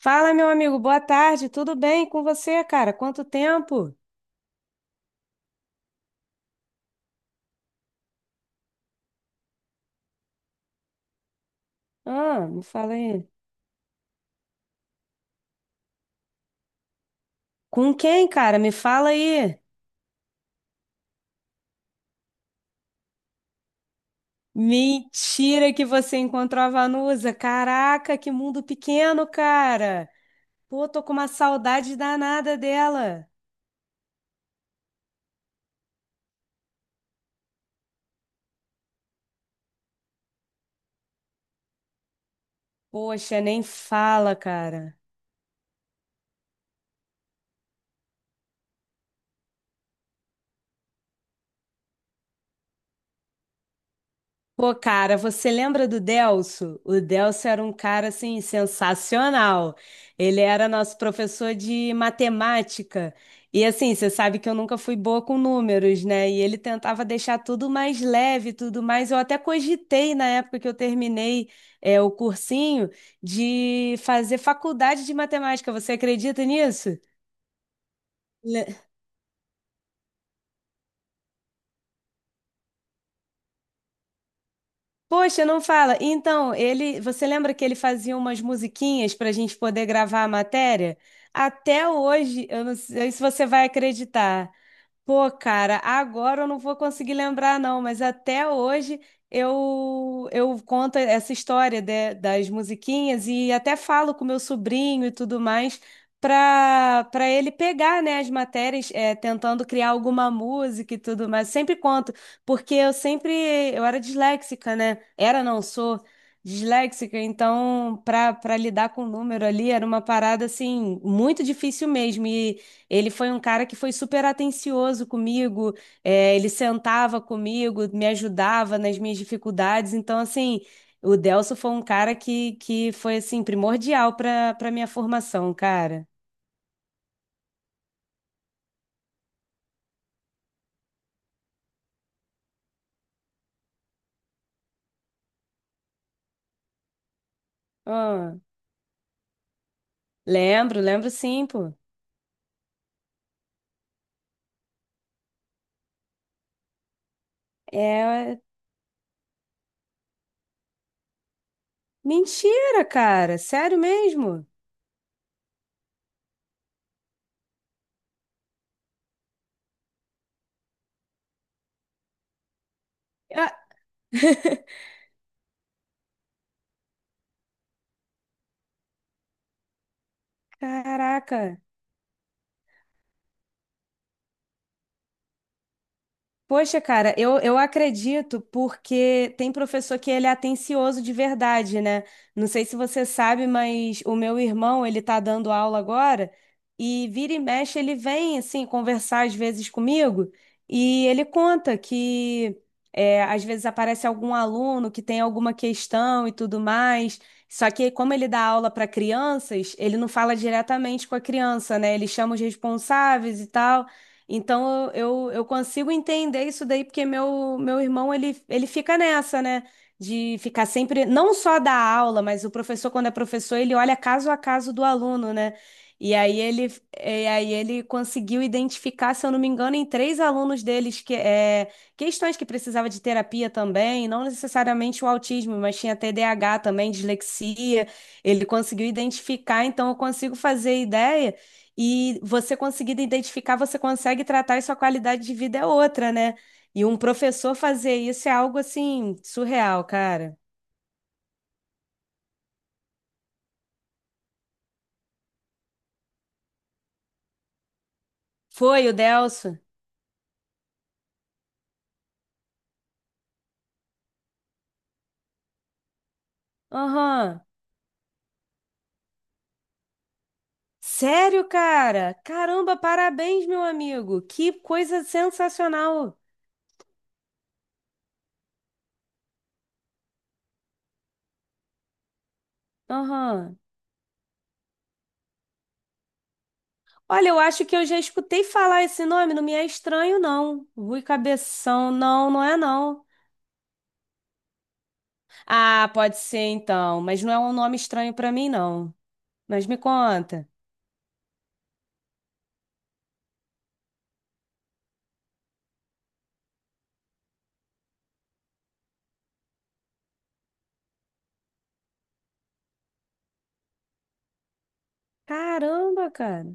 Fala, meu amigo, boa tarde, tudo bem com você, cara? Quanto tempo? Ah, me fala aí. Com quem, cara? Me fala aí. Mentira que você encontrou a Vanusa. Caraca, que mundo pequeno, cara. Pô, tô com uma saudade danada dela. Poxa, nem fala, cara. Pô, cara, você lembra do Delso? O Delso era um cara assim sensacional. Ele era nosso professor de matemática. E assim, você sabe que eu nunca fui boa com números, né? E ele tentava deixar tudo mais leve, tudo mais. Eu até cogitei na época que eu terminei o cursinho de fazer faculdade de matemática. Você acredita nisso? Poxa, não fala. Então, ele, você lembra que ele fazia umas musiquinhas para a gente poder gravar a matéria? Até hoje, eu não sei se você vai acreditar. Pô, cara, agora eu não vou conseguir lembrar, não, mas até hoje eu conto essa história de- das musiquinhas e até falo com meu sobrinho e tudo mais para ele pegar, né, as matérias, tentando criar alguma música e tudo mais. Sempre conto, porque eu sempre eu era disléxica, né? Era, não sou disléxica, então para lidar com o número ali era uma parada assim muito difícil mesmo. E ele foi um cara que foi super atencioso comigo, ele sentava comigo, me ajudava nas minhas dificuldades. Então, assim, o Delso foi um cara que foi, assim, primordial para minha formação, cara. Ah, lembro, lembro sim, pô. É, mentira, cara, sério mesmo? Ah, caraca. Poxa, cara, eu acredito porque tem professor que ele é atencioso de verdade, né? Não sei se você sabe, mas o meu irmão, ele tá dando aula agora e vira e mexe, ele vem, assim, conversar às vezes comigo e ele conta que às vezes aparece algum aluno que tem alguma questão e tudo mais. Só que como ele dá aula para crianças, ele não fala diretamente com a criança, né? Ele chama os responsáveis e tal. Então eu, eu consigo entender isso daí, porque meu irmão ele, ele fica nessa, né? De ficar sempre, não só da aula, mas o professor, quando é professor, ele olha caso a caso do aluno, né? E aí ele, e aí ele conseguiu identificar, se eu não me engano, em 3 alunos deles questões que precisava de terapia também, não necessariamente o autismo, mas tinha TDAH também, dislexia. Ele conseguiu identificar, então eu consigo fazer ideia. E você conseguindo identificar, você consegue tratar e sua qualidade de vida é outra, né? E um professor fazer isso é algo assim, surreal, cara. Foi o Delso? Aham. Sério, cara? Caramba, parabéns, meu amigo. Que coisa sensacional. Aham. Olha, eu acho que eu já escutei falar esse nome, não me é estranho, não. Rui Cabeção, não, não é não. Ah, pode ser então, mas não é um nome estranho pra mim, não. Mas me conta. Caramba, cara.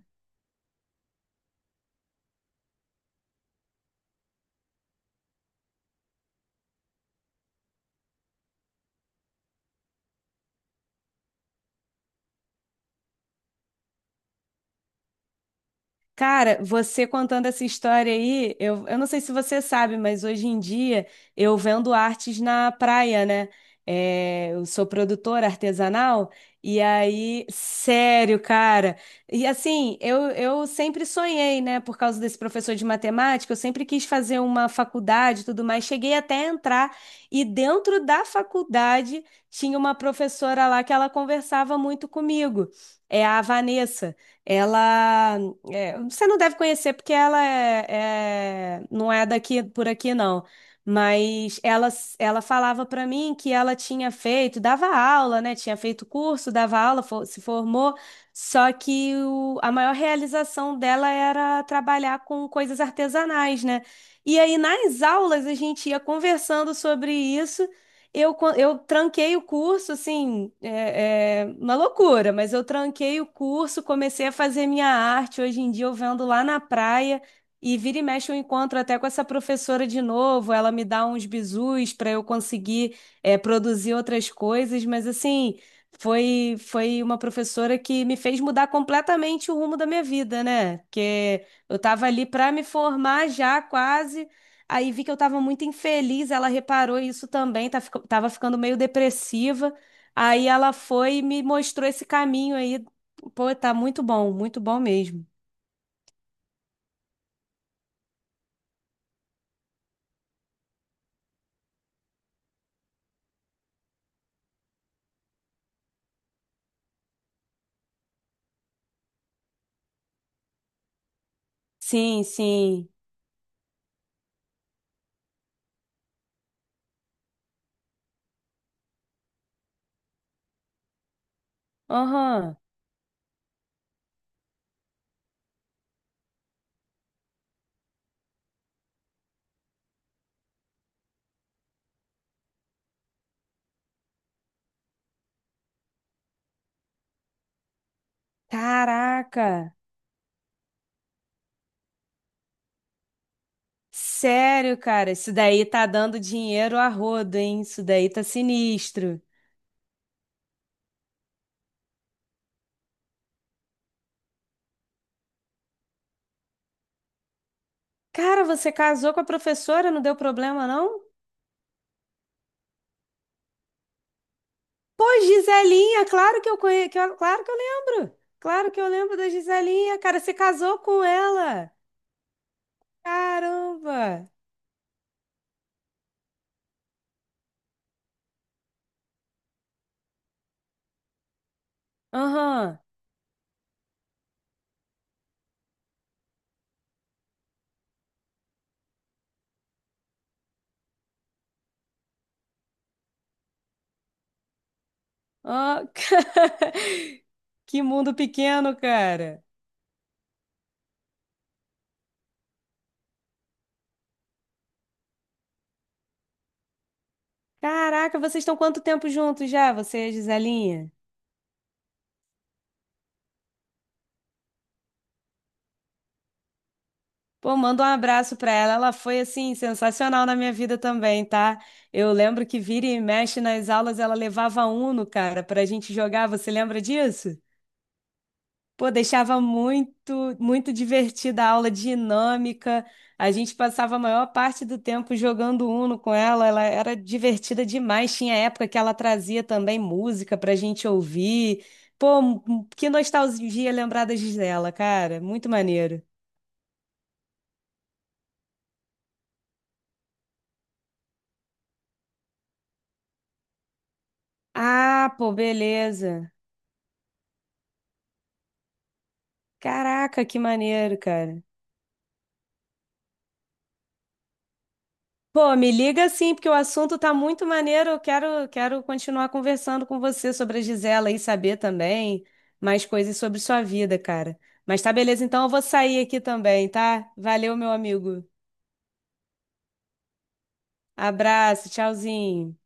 Cara, você contando essa história aí, eu não sei se você sabe, mas hoje em dia eu vendo artes na praia, né? É, eu sou produtora artesanal, e aí, sério, cara. E assim, eu sempre sonhei, né? Por causa desse professor de matemática, eu sempre quis fazer uma faculdade e tudo mais. Cheguei até a entrar, e dentro da faculdade tinha uma professora lá que ela conversava muito comigo, é a Vanessa. Ela. É, você não deve conhecer porque ela é, é- não é daqui por aqui não, mas ela ela falava para mim que ela tinha feito, dava aula, né? Tinha feito curso, dava aula, fo- se formou, só que o- a maior realização dela era trabalhar com coisas artesanais, né? E aí nas aulas a gente ia conversando sobre isso eu, quan- eu tranquei o curso, assim, é, é uma loucura, mas eu tranquei o curso, comecei a fazer minha arte. Hoje em dia eu vendo lá na praia e vira e mexe eu encontro até com essa professora de novo. Ela me dá uns bizus para eu conseguir, produzir outras coisas, mas assim, foi, foi uma professora que me fez mudar completamente o rumo da minha vida, né? Porque eu estava ali para me formar já quase. Aí vi que eu tava muito infeliz, ela reparou isso também, tá, fico- tava ficando meio depressiva. Aí ela foi e me mostrou esse caminho aí. Pô, tá muito bom mesmo. Sim, sim. Aham. Caraca. Sério, cara, isso daí tá dando dinheiro a rodo, hein? Isso daí tá sinistro. Cara, você casou com a professora, não deu problema, não? Pô, Giselinha, claro que eu conheço, claro que eu lembro. Claro que eu lembro da Giselinha, cara, você casou com ela. Caramba! Aham. Ó, Que mundo pequeno, cara. Caraca, vocês estão quanto tempo juntos já, você e a Giselinha? Pô, manda um abraço pra ela. Ela foi, assim, sensacional na minha vida também, tá? Eu lembro que vira e mexe nas aulas, ela levava Uno, cara, pra gente jogar. Você lembra disso? Pô, deixava muito, muito divertida a aula dinâmica. A gente passava a maior parte do tempo jogando Uno com ela. Ela era divertida demais. Tinha época que ela trazia também música pra gente ouvir. Pô, m- que nostalgia lembrar das dela, cara. Muito maneiro. Ah, pô, beleza. Caraca, que maneiro, cara. Pô, me liga sim, porque o assunto tá muito maneiro. Eu quero, quero continuar conversando com você sobre a Gisela e saber também mais coisas sobre sua vida, cara. Mas tá beleza, então eu vou sair aqui também, tá? Valeu, meu amigo. Abraço, tchauzinho.